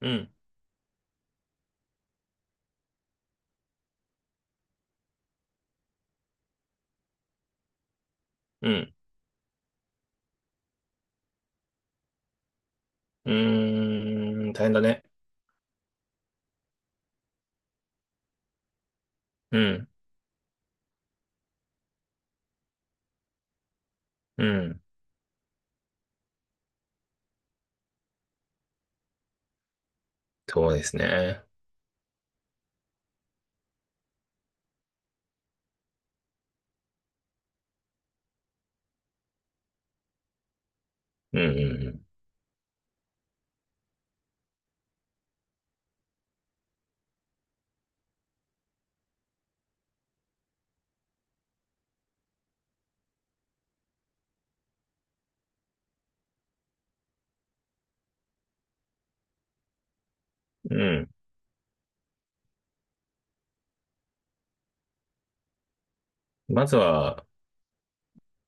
うん、うん、うーん、大変だね。うん、うん、そうですね。うん、うん、うん。まずは、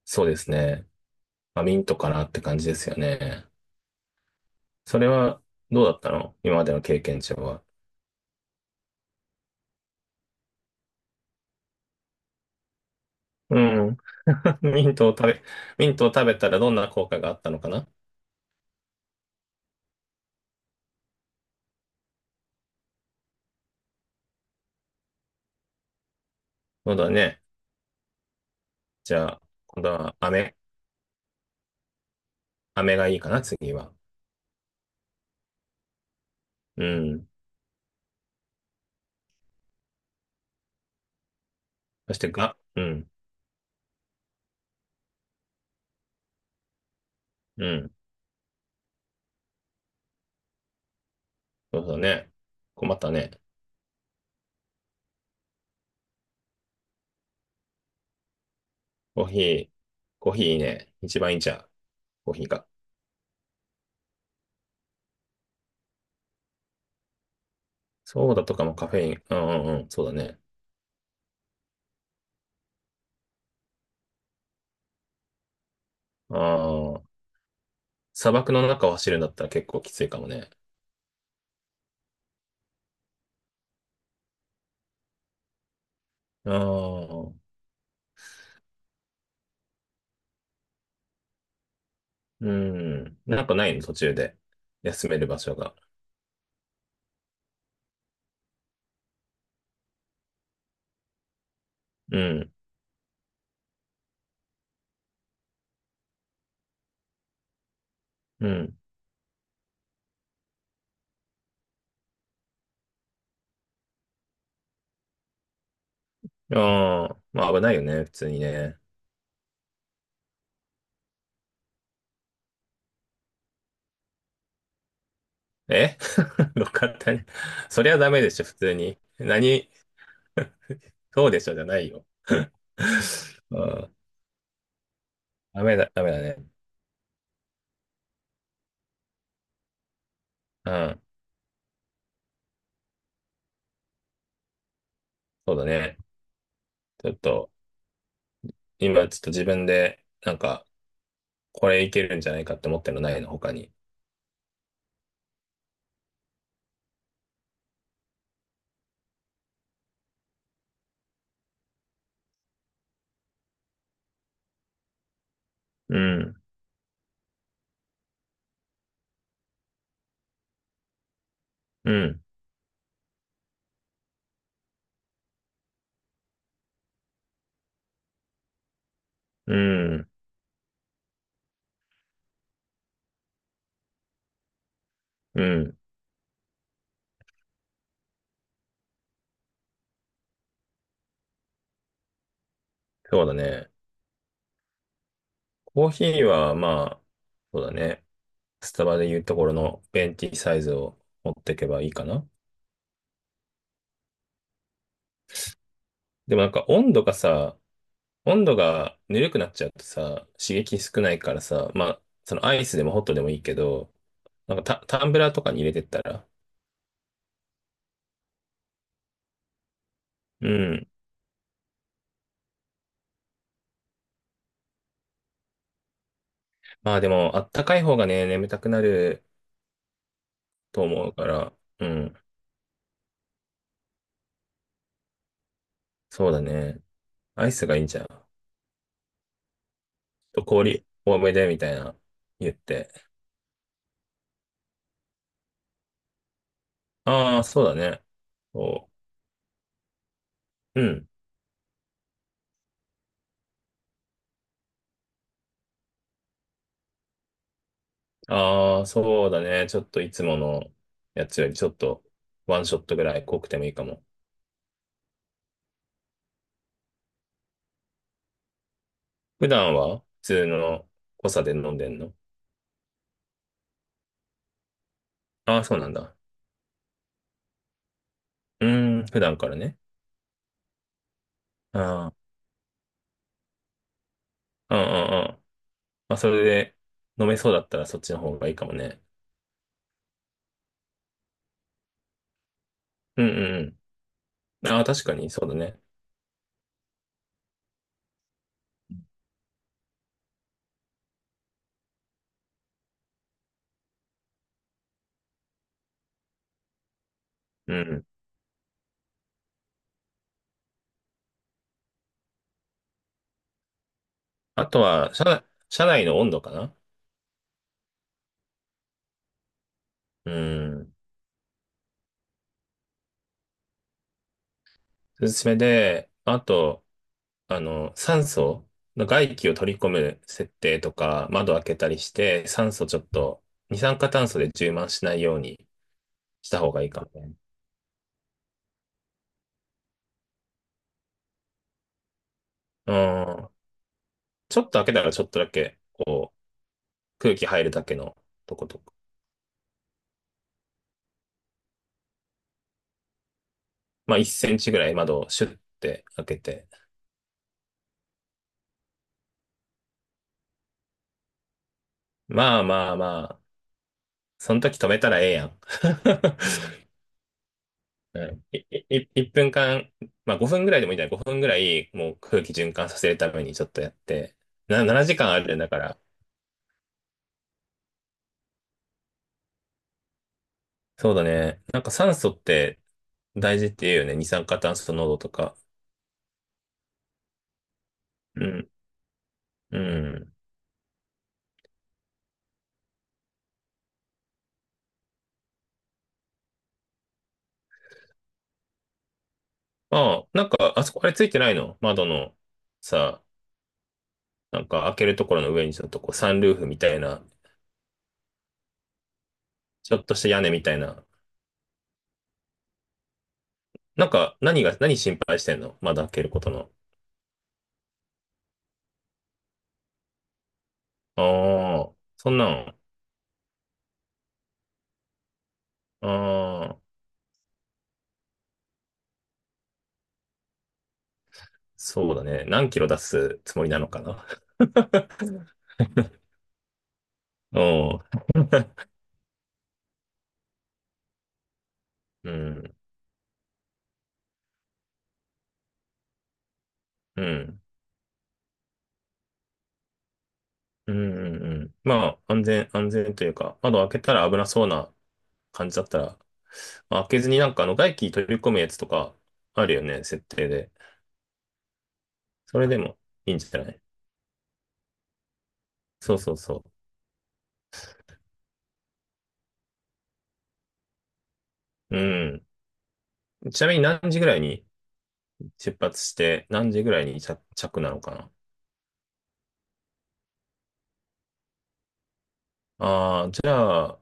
そうですね。まあ、ミントかなって感じですよね。それは、どうだったの今までの経験値は。うん。ミントを食べ、ミントを食べたらどんな効果があったのかな？そうだね。じゃあ、今度は飴、飴がいいかな、次は。うん。そしてが、うん、うん。そうだね。困ったね。コーヒー、コーヒーいいね。一番いいんちゃう？コーヒーが。ソーダとかもカフェイン。うんうんうん、そうだね。ああ、砂漠の中を走るんだったら結構きついかもね。ああ、うん。なんかないの途中で。休める場所が。うん、うん。ああ、まあ危ないよね、普通にね。え どかったね。そりゃダメでしょ、普通に。何、そうでしょ、じゃないよ。うん、ダメだ、ダメだね。うん、そうだね。ちょっと、今ちょっと自分で、なんか、これいけるんじゃないかって思ってるのないの、他に。うん、うん、うん、うん。そうだね。コーヒーは、まあ、そうだね。スタバで言うところのベンティサイズを持っていけばいいかな。でもなんか温度がさ、温度がぬるくなっちゃうとさ、刺激少ないからさ、まあ、そのアイスでもホットでもいいけど、なんかタンブラーとかに入れてったら、うん。まあでも、あったかい方がね、眠たくなると思うから、うん。そうだね。アイスがいいんじゃん。ちょっと氷多めでみたいな言って。ああ、そうだね。そう。うん。ああ、そうだね。ちょっといつものやつよりちょっとワンショットぐらい濃くてもいいかも。普段は普通の濃さで飲んでんの？ああー、そうなんだ。うーん、普段からね。ああ、うんうんうん。まあ、それで飲めそうだったらそっちの方がいいかもね。うんうんうん。ああ、確かにそうだね。うん。あとは、車、車内の温度かな？うん。おすすめで、あと、あの、酸素の外気を取り込む設定とか、窓開けたりして、酸素ちょっと、二酸化炭素で充満しないようにした方がいいかもね。うん。ちょっと開けたらちょっとだけ、こう、空気入るだけのとことか。まあ、1センチぐらい窓をシュッて開けて。まあまあまあ、その時止めたらええやん。うん、い、い、い1分間、まあ5分ぐらいでもいいんじゃない？ 5 分ぐらい、もう空気循環させるためにちょっとやって。な、7時間あるんだから。そうだね。なんか酸素って大事って言うよね。二酸化炭素濃度とか。うん。うん。ああ、なんか、あそこあれついてないの窓のさ、なんか開けるところの上にちょっとこうサンルーフみたいな、ちょっとした屋根みたいな。なんか、何が、何心配してんの窓開けることの。ああ、そんなん。あ、そうだね。何キロ出すつもりなのかな？おう、うん、うん、うん、うん。うんまあ、安全、安全というか、窓開けたら危なそうな感じだったら、まあ開けずになんかあの外気取り込むやつとかあるよね、設定で。それでもいいんじゃない？そうそうそう。うん。ちなみに何時ぐらいに出発して、何時ぐらいに着なのかな？ああー、じゃあ、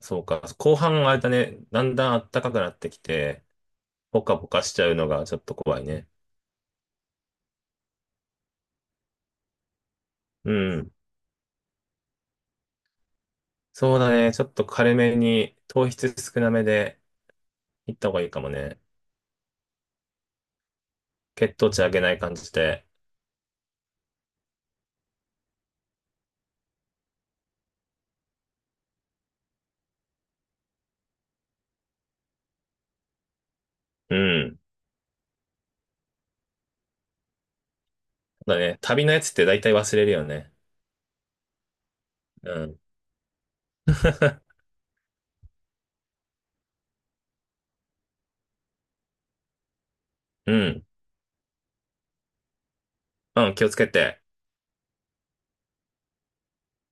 そうか。後半あれだね、だんだん暖かくなってきて、ポカポカしちゃうのがちょっと怖いね。うん。そうだね。ちょっと軽めに、糖質少なめで行った方がいいかもね。血糖値上げない感じで。うん。だね。旅のやつって大体忘れるよね。うん。うん。うん、気をつけて。